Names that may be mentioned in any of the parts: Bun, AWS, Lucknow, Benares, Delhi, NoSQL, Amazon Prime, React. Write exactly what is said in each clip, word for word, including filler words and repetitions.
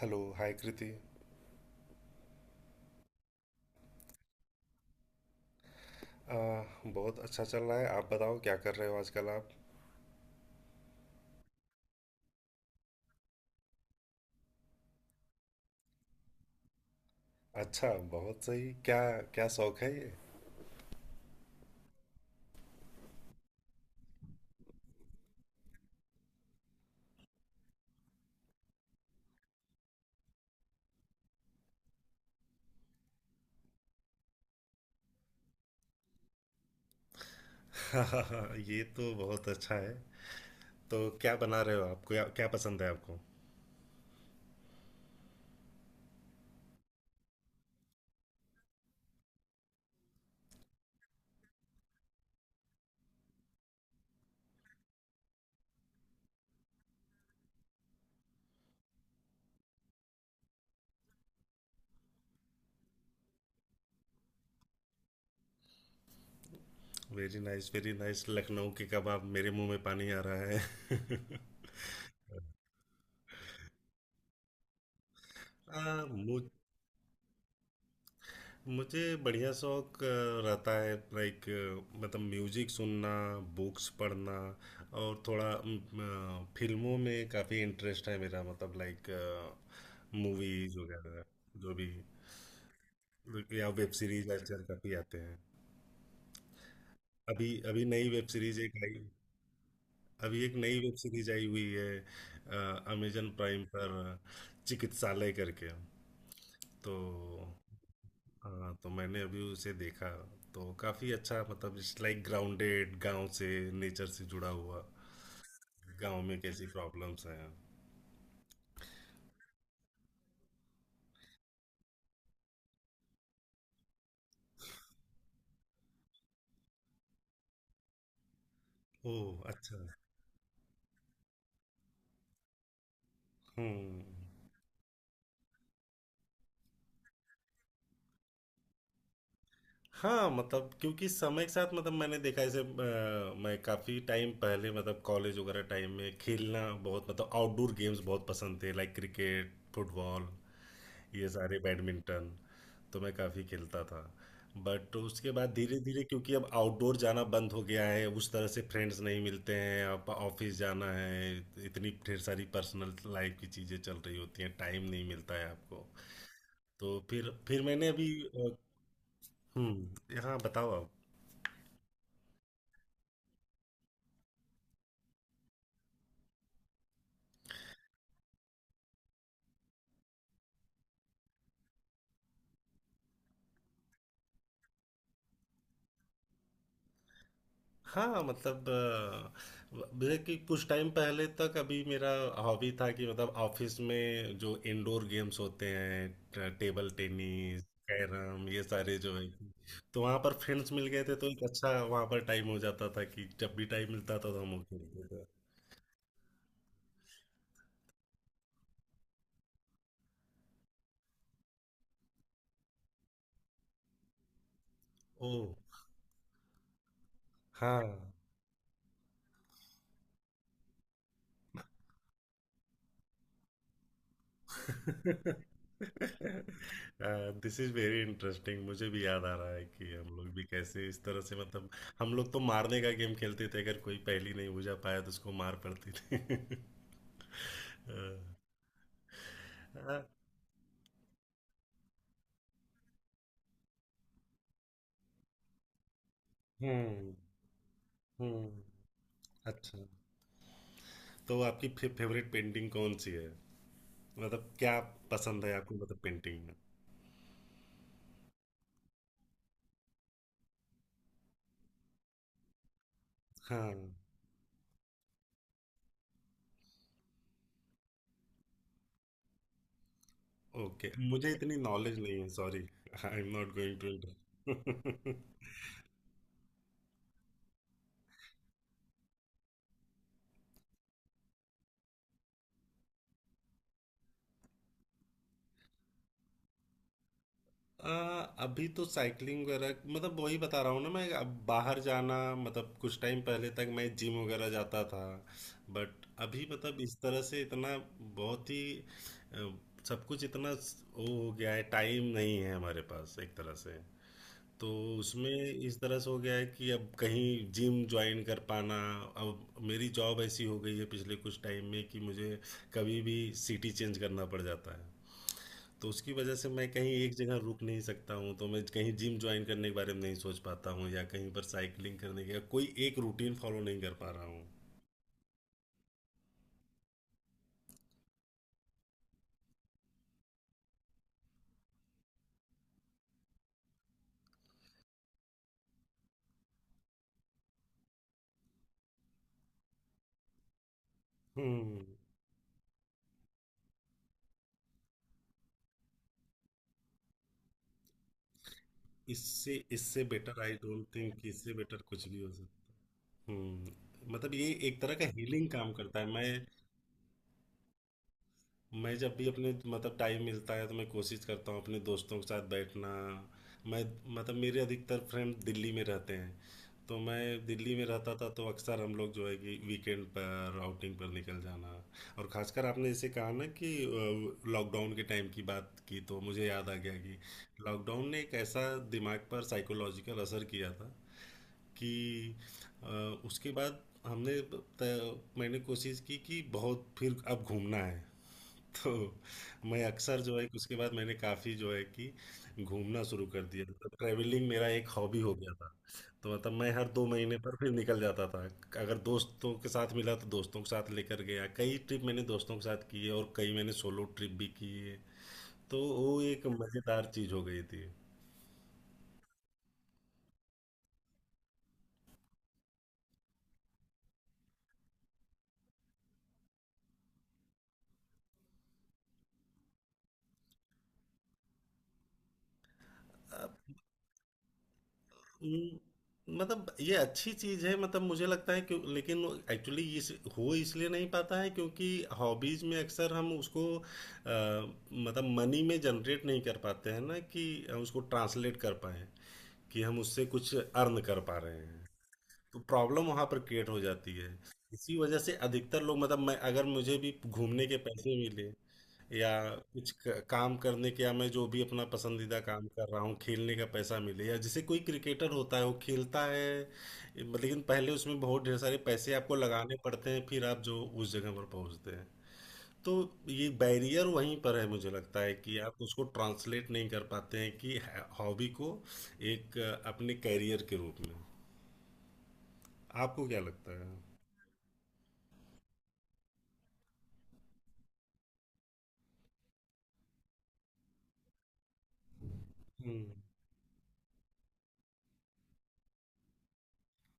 Hello hi Kriti. आ, बहुत अच्छा चल रहा है। आप बताओ क्या कर रहे हो आजकल आप। अच्छा, बहुत सही। क्या क्या शौक है ये। ये तो बहुत अच्छा है। तो क्या बना रहे हो आप, क्या क्या पसंद है आपको। Very nice, very nice. Lucknow के कबाब, मेरे मुंह में पानी आ रहा है। आ, मुझे बढ़िया शौक अ, रहता है। लाइक, मतलब म्यूजिक सुनना, बुक्स पढ़ना, और थोड़ा म, अ, फिल्मों में काफ़ी इंटरेस्ट है मेरा। मतलब लाइक मूवीज वगैरह, जो भी, या वेब सीरीज आजकल काफ़ी आते हैं। अभी अभी नई वेब सीरीज एक आई, अभी एक नई वेब सीरीज आई हुई है अमेजन प्राइम पर, चिकित्सालय करके। तो हाँ, तो मैंने अभी उसे देखा, तो काफी अच्छा, मतलब इट्स लाइक ग्राउंडेड, गांव से, नेचर से जुड़ा हुआ, गांव में कैसी प्रॉब्लम्स हैं। ओह अच्छा। हम्म। हाँ मतलब, क्योंकि समय के साथ, मतलब मैंने देखा जैसे, अ, मैं काफ़ी टाइम पहले, मतलब कॉलेज वगैरह टाइम में, खेलना बहुत, मतलब आउटडोर गेम्स बहुत पसंद थे, लाइक क्रिकेट, फुटबॉल, ये सारे, बैडमिंटन, तो मैं काफ़ी खेलता था। बट उसके बाद धीरे धीरे, क्योंकि अब आउटडोर जाना बंद हो गया है, उस तरह से फ्रेंड्स नहीं मिलते हैं, अब ऑफिस जाना है, इतनी ढेर सारी पर्सनल लाइफ की चीज़ें चल रही होती हैं, टाइम नहीं मिलता है आपको। तो फिर फिर मैंने अभी, हम्म, हाँ बताओ आप। हाँ मतलब अ, मेरे कि कुछ टाइम पहले तक, अभी मेरा हॉबी था कि, मतलब ऑफिस में जो इंडोर गेम्स होते हैं, ट- टेबल टेनिस, कैरम, ये सारे जो है कि-। तो वहाँ पर फ्रेंड्स मिल गए थे, तो एक अच्छा वहाँ पर टाइम हो जाता था कि जब भी टाइम मिलता था तो हम वो खेलते थे। ओह। हाँ। This is very interesting. मुझे भी याद आ रहा है कि हम लोग भी कैसे इस तरह से, मतलब हम लोग तो मारने का गेम खेलते थे। अगर कोई पहेली नहीं बुझा पाया तो उसको मार पड़ती थी। अ, अ, हम्म, हम्म। अच्छा। तो आपकी फे, फेवरेट पेंटिंग कौन सी है, मतलब क्या पसंद है आपको, मतलब पेंटिंग में। हाँ। ओके, मुझे इतनी नॉलेज नहीं है, sorry. I am not going to. आ, अभी तो साइकिलिंग वगैरह, मतलब वही बता रहा हूँ ना मैं, अब बाहर जाना, मतलब कुछ टाइम पहले तक मैं जिम वगैरह जाता था। बट अभी, मतलब इस तरह से इतना बहुत ही अ, सब कुछ इतना स- वो हो गया है, टाइम नहीं है हमारे पास एक तरह से। तो उसमें इस तरह से हो गया है कि अब कहीं जिम ज्वाइन कर पाना, अब मेरी जॉब ऐसी हो गई है पिछले कुछ टाइम में कि मुझे कभी भी सिटी चेंज करना पड़ जाता है। तो उसकी वजह से मैं कहीं एक जगह रुक नहीं सकता हूँ, तो मैं कहीं जिम ज्वाइन करने के बारे में नहीं सोच पाता हूँ, या कहीं पर साइकिलिंग करने का कोई एक रूटीन फॉलो नहीं कर पा रहा हूँ। हम्म। इससे इससे बेटर, आई डोंट थिंक इससे बेटर कुछ भी हो सकता। हम्म, मतलब ये एक तरह का हीलिंग काम करता है। मैं मैं जब भी अपने, मतलब टाइम मिलता है, तो मैं कोशिश करता हूँ अपने दोस्तों के साथ बैठना। मैं, मतलब मेरे अधिकतर फ्रेंड दिल्ली में रहते हैं, तो मैं दिल्ली में रहता था, तो अक्सर हम लोग जो है कि वीकेंड पर आउटिंग पर निकल जाना। और खासकर आपने जैसे कहा ना कि अ, लॉकडाउन के टाइम की बात की, तो मुझे याद आ गया कि लॉकडाउन ने एक ऐसा दिमाग पर साइकोलॉजिकल असर किया था कि अ, उसके बाद हमने त- मैंने कोशिश की कि बहुत फिर अब घूमना है। तो मैं अक्सर जो है कि उसके बाद मैंने काफ़ी जो है कि घूमना शुरू कर दिया, मतलब ट्रैवलिंग मेरा एक हॉबी हो गया था। तो मतलब मैं हर दो महीने पर फिर निकल जाता था। अगर दोस्तों के साथ मिला तो दोस्तों के साथ लेकर गया, कई ट्रिप मैंने दोस्तों के साथ किए, और कई मैंने सोलो ट्रिप भी किए। तो वो एक मज़ेदार चीज़ हो गई थी। हम्म, मतलब ये अच्छी चीज है, मतलब मुझे लगता है, क्यों लेकिन एक्चुअली ये इस हो इसलिए नहीं पाता है, क्योंकि हॉबीज में अक्सर हम उसको अ, मतलब मनी में जनरेट नहीं कर पाते हैं ना कि उसको ट्रांसलेट कर पाए कि हम उससे कुछ अर्न कर पा रहे हैं। तो प्रॉब्लम वहां पर क्रिएट हो जाती है। इसी वजह से अधिकतर लोग, मतलब मैं, अगर मुझे भी घूमने के पैसे मिले, या कुछ क- काम करने के, या मैं जो भी अपना पसंदीदा काम कर रहा हूँ खेलने का पैसा मिले, या जैसे कोई क्रिकेटर होता है वो खेलता है। लेकिन पहले उसमें बहुत ढेर सारे पैसे आपको लगाने पड़ते हैं, फिर आप जो उस जगह पर पहुंचते हैं। तो ये बैरियर वहीं पर है, मुझे लगता है कि आप उसको ट्रांसलेट नहीं कर पाते हैं कि हॉबी को एक अ, अपने कैरियर के रूप में। आपको क्या लगता है। हुँ,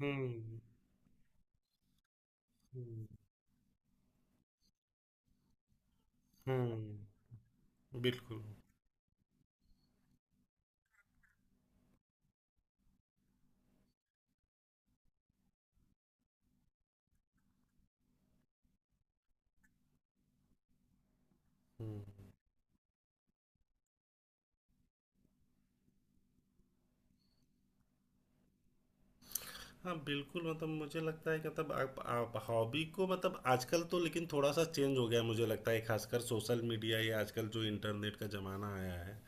हुँ, हुँ, हुँ, बिल्कुल। हुँ। हाँ, बिल्कुल, मतलब मुझे लगता है कि, मतलब आप आप हॉबी को, मतलब आजकल तो लेकिन थोड़ा-सा चेंज हो गया है, मुझे लगता है खासकर सोशल मीडिया या आजकल जो इंटरनेट का ज़माना आया है,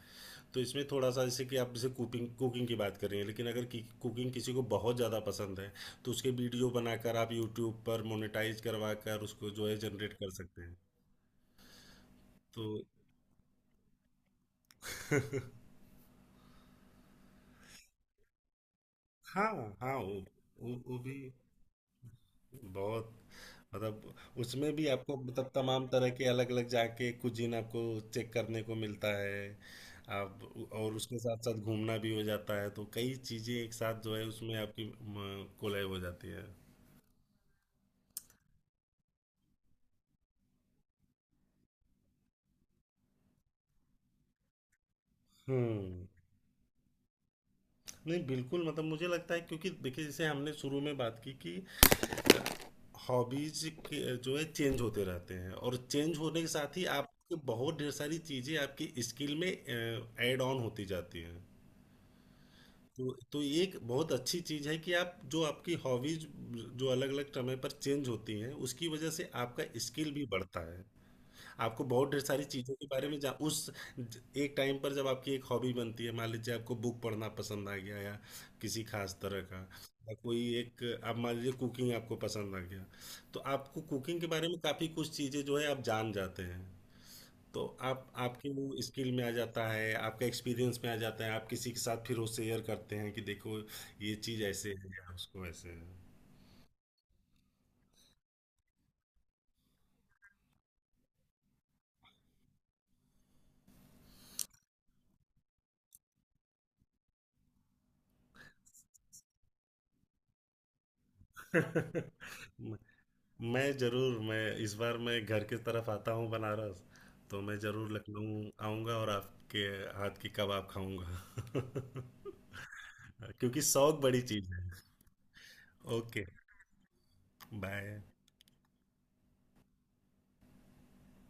तो इसमें थोड़ा-सा, जैसे कि आप जैसे कुकिंग कुकिंग की बात कर रही हैं, लेकिन अगर कि कुकिंग किसी को बहुत ज़्यादा पसंद है, तो उसके वीडियो बनाकर आप यूट्यूब पर मोनेटाइज़ करवाकर उसको जो है जनरेट कर सकते हैं। तो। हाँ, हाँ, वो वो वो भी बहुत, मतलब उसमें भी आपको, मतलब तमाम तरह के अलग अलग जाके कुजीन आपको चेक करने को मिलता है। आप, और उसके साथ साथ घूमना भी हो जाता है, तो कई चीज़ें एक साथ जो है उसमें आपकी कोलैब हो जाती है। हम्म। नहीं बिल्कुल, मतलब मुझे लगता है क्योंकि देखिए, जैसे हमने शुरू में बात की कि हॉबीज के जो है चेंज होते रहते हैं, और चेंज होने के साथ ही आपको बहुत ढेर सारी चीज़ें आपकी स्किल में ऐड ऑन होती जाती हैं। तो तो ये एक बहुत अच्छी चीज़ है कि आप जो आपकी हॉबीज जो अलग अलग समय पर चेंज होती हैं, उसकी वजह से आपका स्किल भी बढ़ता है। आपको बहुत ढेर सारी चीज़ों के बारे में जा उस, ज- एक टाइम पर जब आपकी एक हॉबी बनती है, मान लीजिए आपको बुक पढ़ना पसंद आ गया, या किसी खास तरह का, या कोई एक आप मान लीजिए कुकिंग आपको पसंद आ गया, तो आपको कुकिंग के बारे में काफ़ी कुछ चीज़ें जो है आप जान जाते हैं। तो आप, आपके वो स्किल में आ जाता है, आपका एक्सपीरियंस में आ जाता है, आप किसी के साथ फिर वो शेयर करते हैं कि देखो ये चीज़ ऐसे है या उसको ऐसे है। म- मैं ज़रूर, मैं इस बार, मैं घर के तरफ आता हूँ बनारस, तो मैं ज़रूर लखनऊ आऊँगा और आपके हाथ की कबाब खाऊंगा। क्योंकि शौक बड़ी चीज़ है। ओके। बाय।